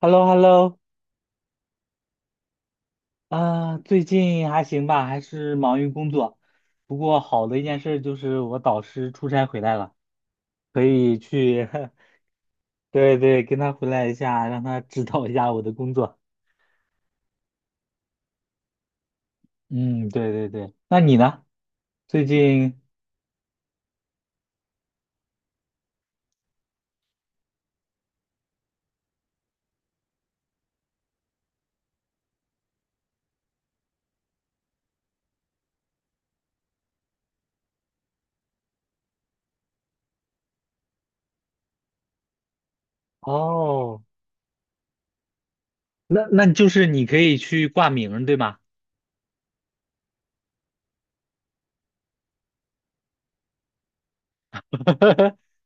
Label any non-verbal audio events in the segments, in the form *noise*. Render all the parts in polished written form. h e l l o h e l l o 啊，最近还行吧，还是忙于工作。不过好的一件事就是我导师出差回来了，可以去，*laughs* 对对，跟他回来一下，让他指导一下我的工作。嗯，对对对。那你呢？最近哦，那就是你可以去挂名儿，对吗？*laughs*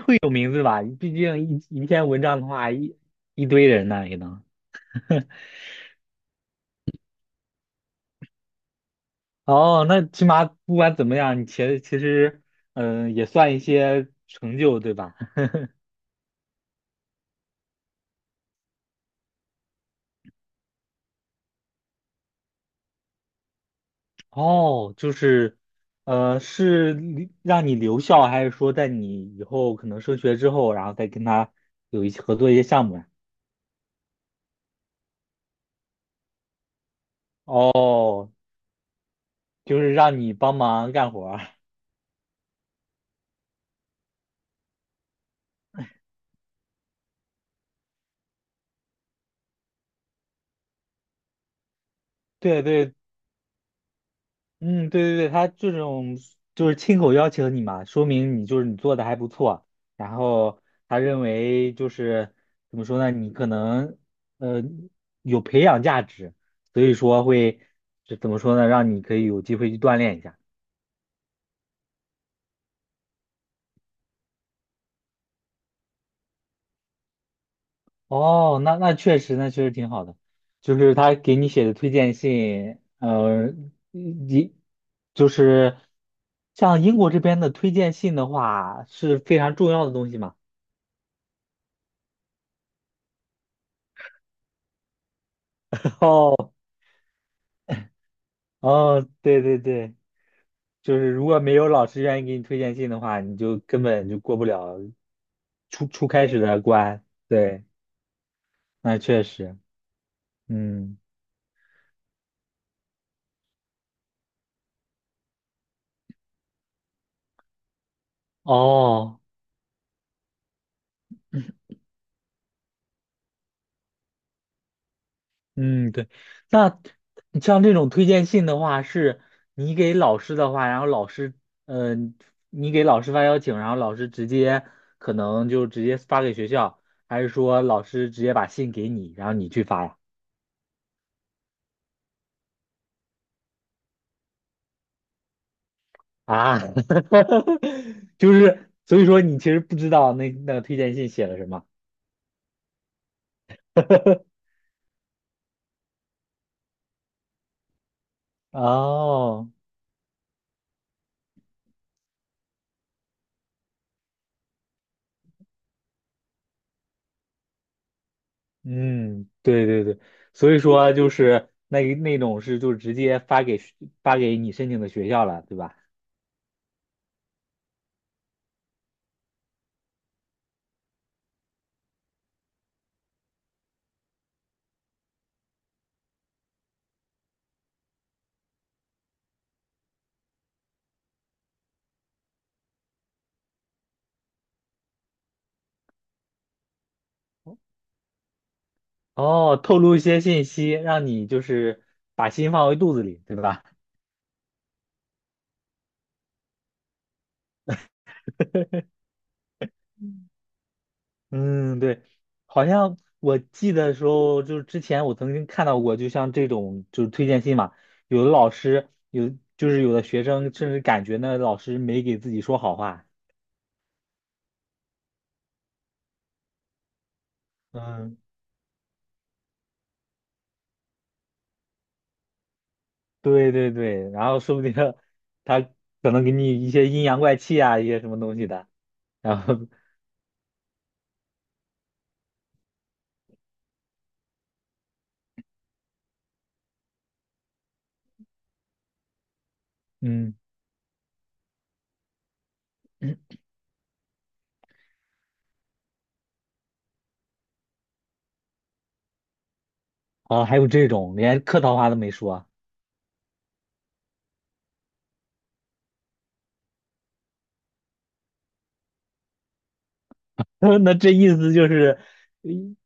会有名字吧？毕竟一篇文章的话，一堆人呢也能。*laughs* 哦，那起码不管怎么样，你其实，也算一些成就，对吧？*laughs* 哦，就是，是留让你留校，还是说在你以后可能升学之后，然后再跟他有一些合作一些项目呀？哦，就是让你帮忙干活儿 *laughs* 对对嗯，对对对，他这种就是亲口邀请你嘛，说明你就是你做的还不错。然后他认为就是怎么说呢，你可能呃有培养价值，所以说会就怎么说呢，让你可以有机会去锻炼一下。哦，那确实，那确实挺好的。就是他给你写的推荐信，你就是像英国这边的推荐信的话，是非常重要的东西嘛。*laughs* 哦，对对对，就是如果没有老师愿意给你推荐信的话，你就根本就过不了初开始的关。对，那确实，嗯，哦，嗯，对，那像这种推荐信的话，是你给老师的话，然后老师，嗯、你给老师发邀请，然后老师直接可能就直接发给学校，还是说老师直接把信给你，然后你去发呀？啊，*laughs* 就是所以说你其实不知道那个推荐信写了什么。哦，嗯，对对对，所以说就是那种是就直接发给你申请的学校了，对吧？哦，透露一些信息，让你就是把心放回肚子里，对吧？嗯，对，好像我记得时候，就是之前我曾经看到过，就像这种就是推荐信嘛，有的老师有就是有的学生甚至感觉那老师没给自己说好话。嗯，对对对，然后说不定 *laughs* 他可能给你一些阴阳怪气啊，一些什么东西的。然后，嗯，哦，还有这种连客套话都没说，*laughs* 那这意思就是，嗯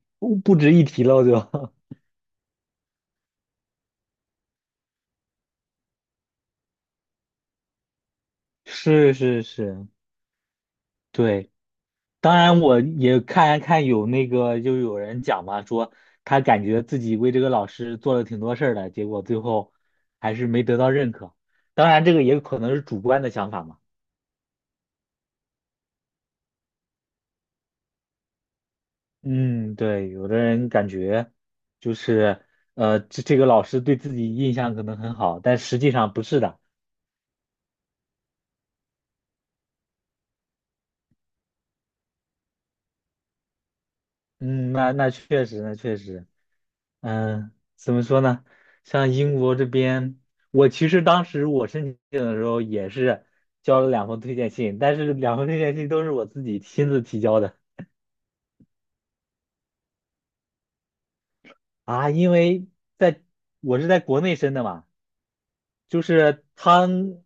不值一提了就。*laughs* 是是是，对。当然，我也看看有那个，就有人讲嘛，说他感觉自己为这个老师做了挺多事儿的，结果最后还是没得到认可。当然，这个也可能是主观的想法嘛。嗯，对，有的人感觉就是这个老师对自己印象可能很好，但实际上不是的。嗯，那确实，那确实。嗯，怎么说呢？像英国这边，我其实当时我申请的时候也是交了两封推荐信，但是两封推荐信都是我自己亲自提交的啊，因为在我是在国内申的嘛，就是他们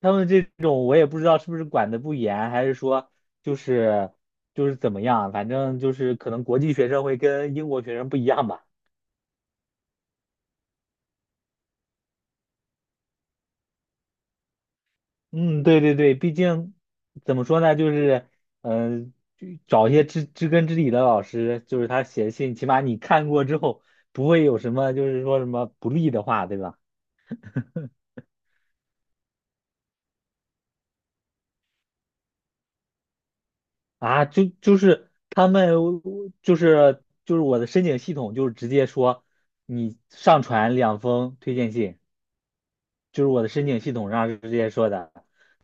他们这种我也不知道是不是管的不严，还是说就是就是怎么样，反正就是可能国际学生会跟英国学生不一样吧。嗯，对对对，毕竟怎么说呢，就是，就找一些知根知底的老师，就是他写信，起码你看过之后，不会有什么就是说什么不利的话，对吧？啊，就是他们就是我的申请系统就是直接说你上传两封推荐信，就是我的申请系统上是直接说的。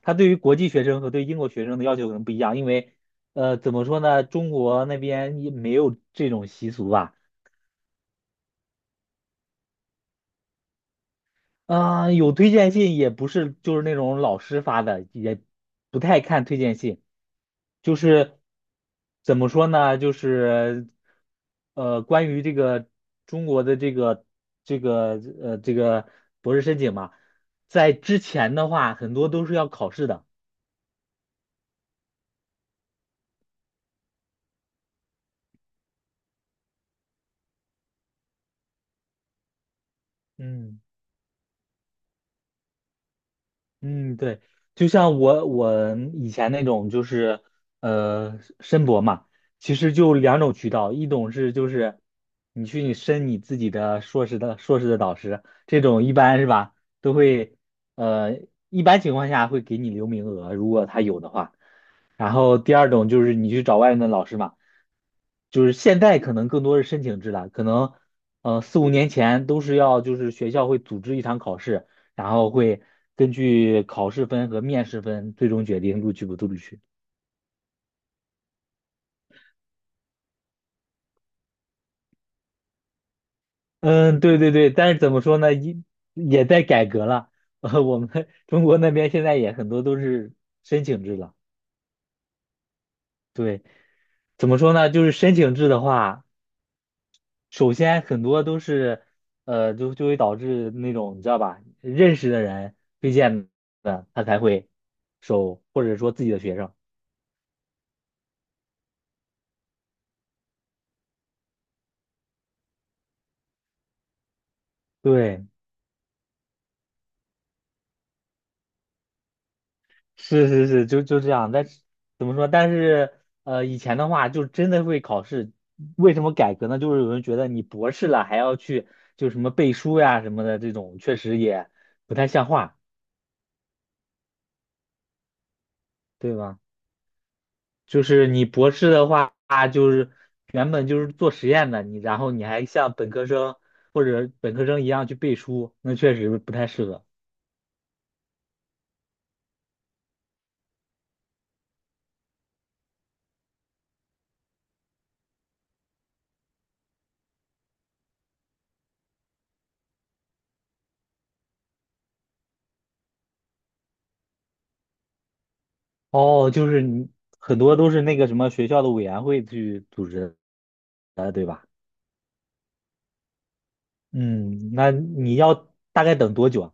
他对于国际学生和对英国学生的要求可能不一样，因为怎么说呢，中国那边也没有这种习俗吧。啊、有推荐信也不是，就是那种老师发的，也不太看推荐信，就是怎么说呢，就是关于这个中国的这个博士申请嘛，在之前的话，很多都是要考试的，嗯。嗯，对，就像我以前那种就是申博嘛，其实就两种渠道，一种是就是你去你申你自己的硕士的导师，这种一般是吧，都会呃一般情况下会给你留名额，如果他有的话。然后第二种就是你去找外面的老师嘛，就是现在可能更多是申请制了，可能四五年前都是要就是学校会组织一场考试。然后会根据考试分和面试分最终决定录取不录取。嗯，对对对，但是怎么说呢，也在改革了。*laughs* 我们 *laughs* 中国那边现在也很多都是申请制了。对，怎么说呢？就是申请制的话，首先很多都是，就会导致那种你知道吧，认识的人推荐的，他才会收，或者说自己的学生。对。是是是，就这样。但是怎么说？但是以前的话就真的会考试。为什么改革呢？就是有人觉得你博士了还要去就什么背书呀什么的，这种确实也不太像话，对吧？就是你博士的话，就是原本就是做实验的，你然后你还像本科生或者本科生一样去背书，那确实不太适合。哦，就是你很多都是那个什么学校的委员会去组织的，对吧？嗯，那你要大概等多久啊？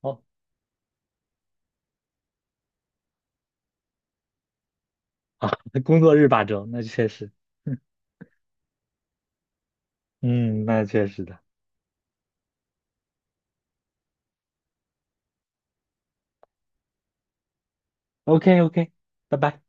哦，啊，*laughs* 工作日8周，那确实，*laughs* 嗯，那确实的。OK OK，拜拜。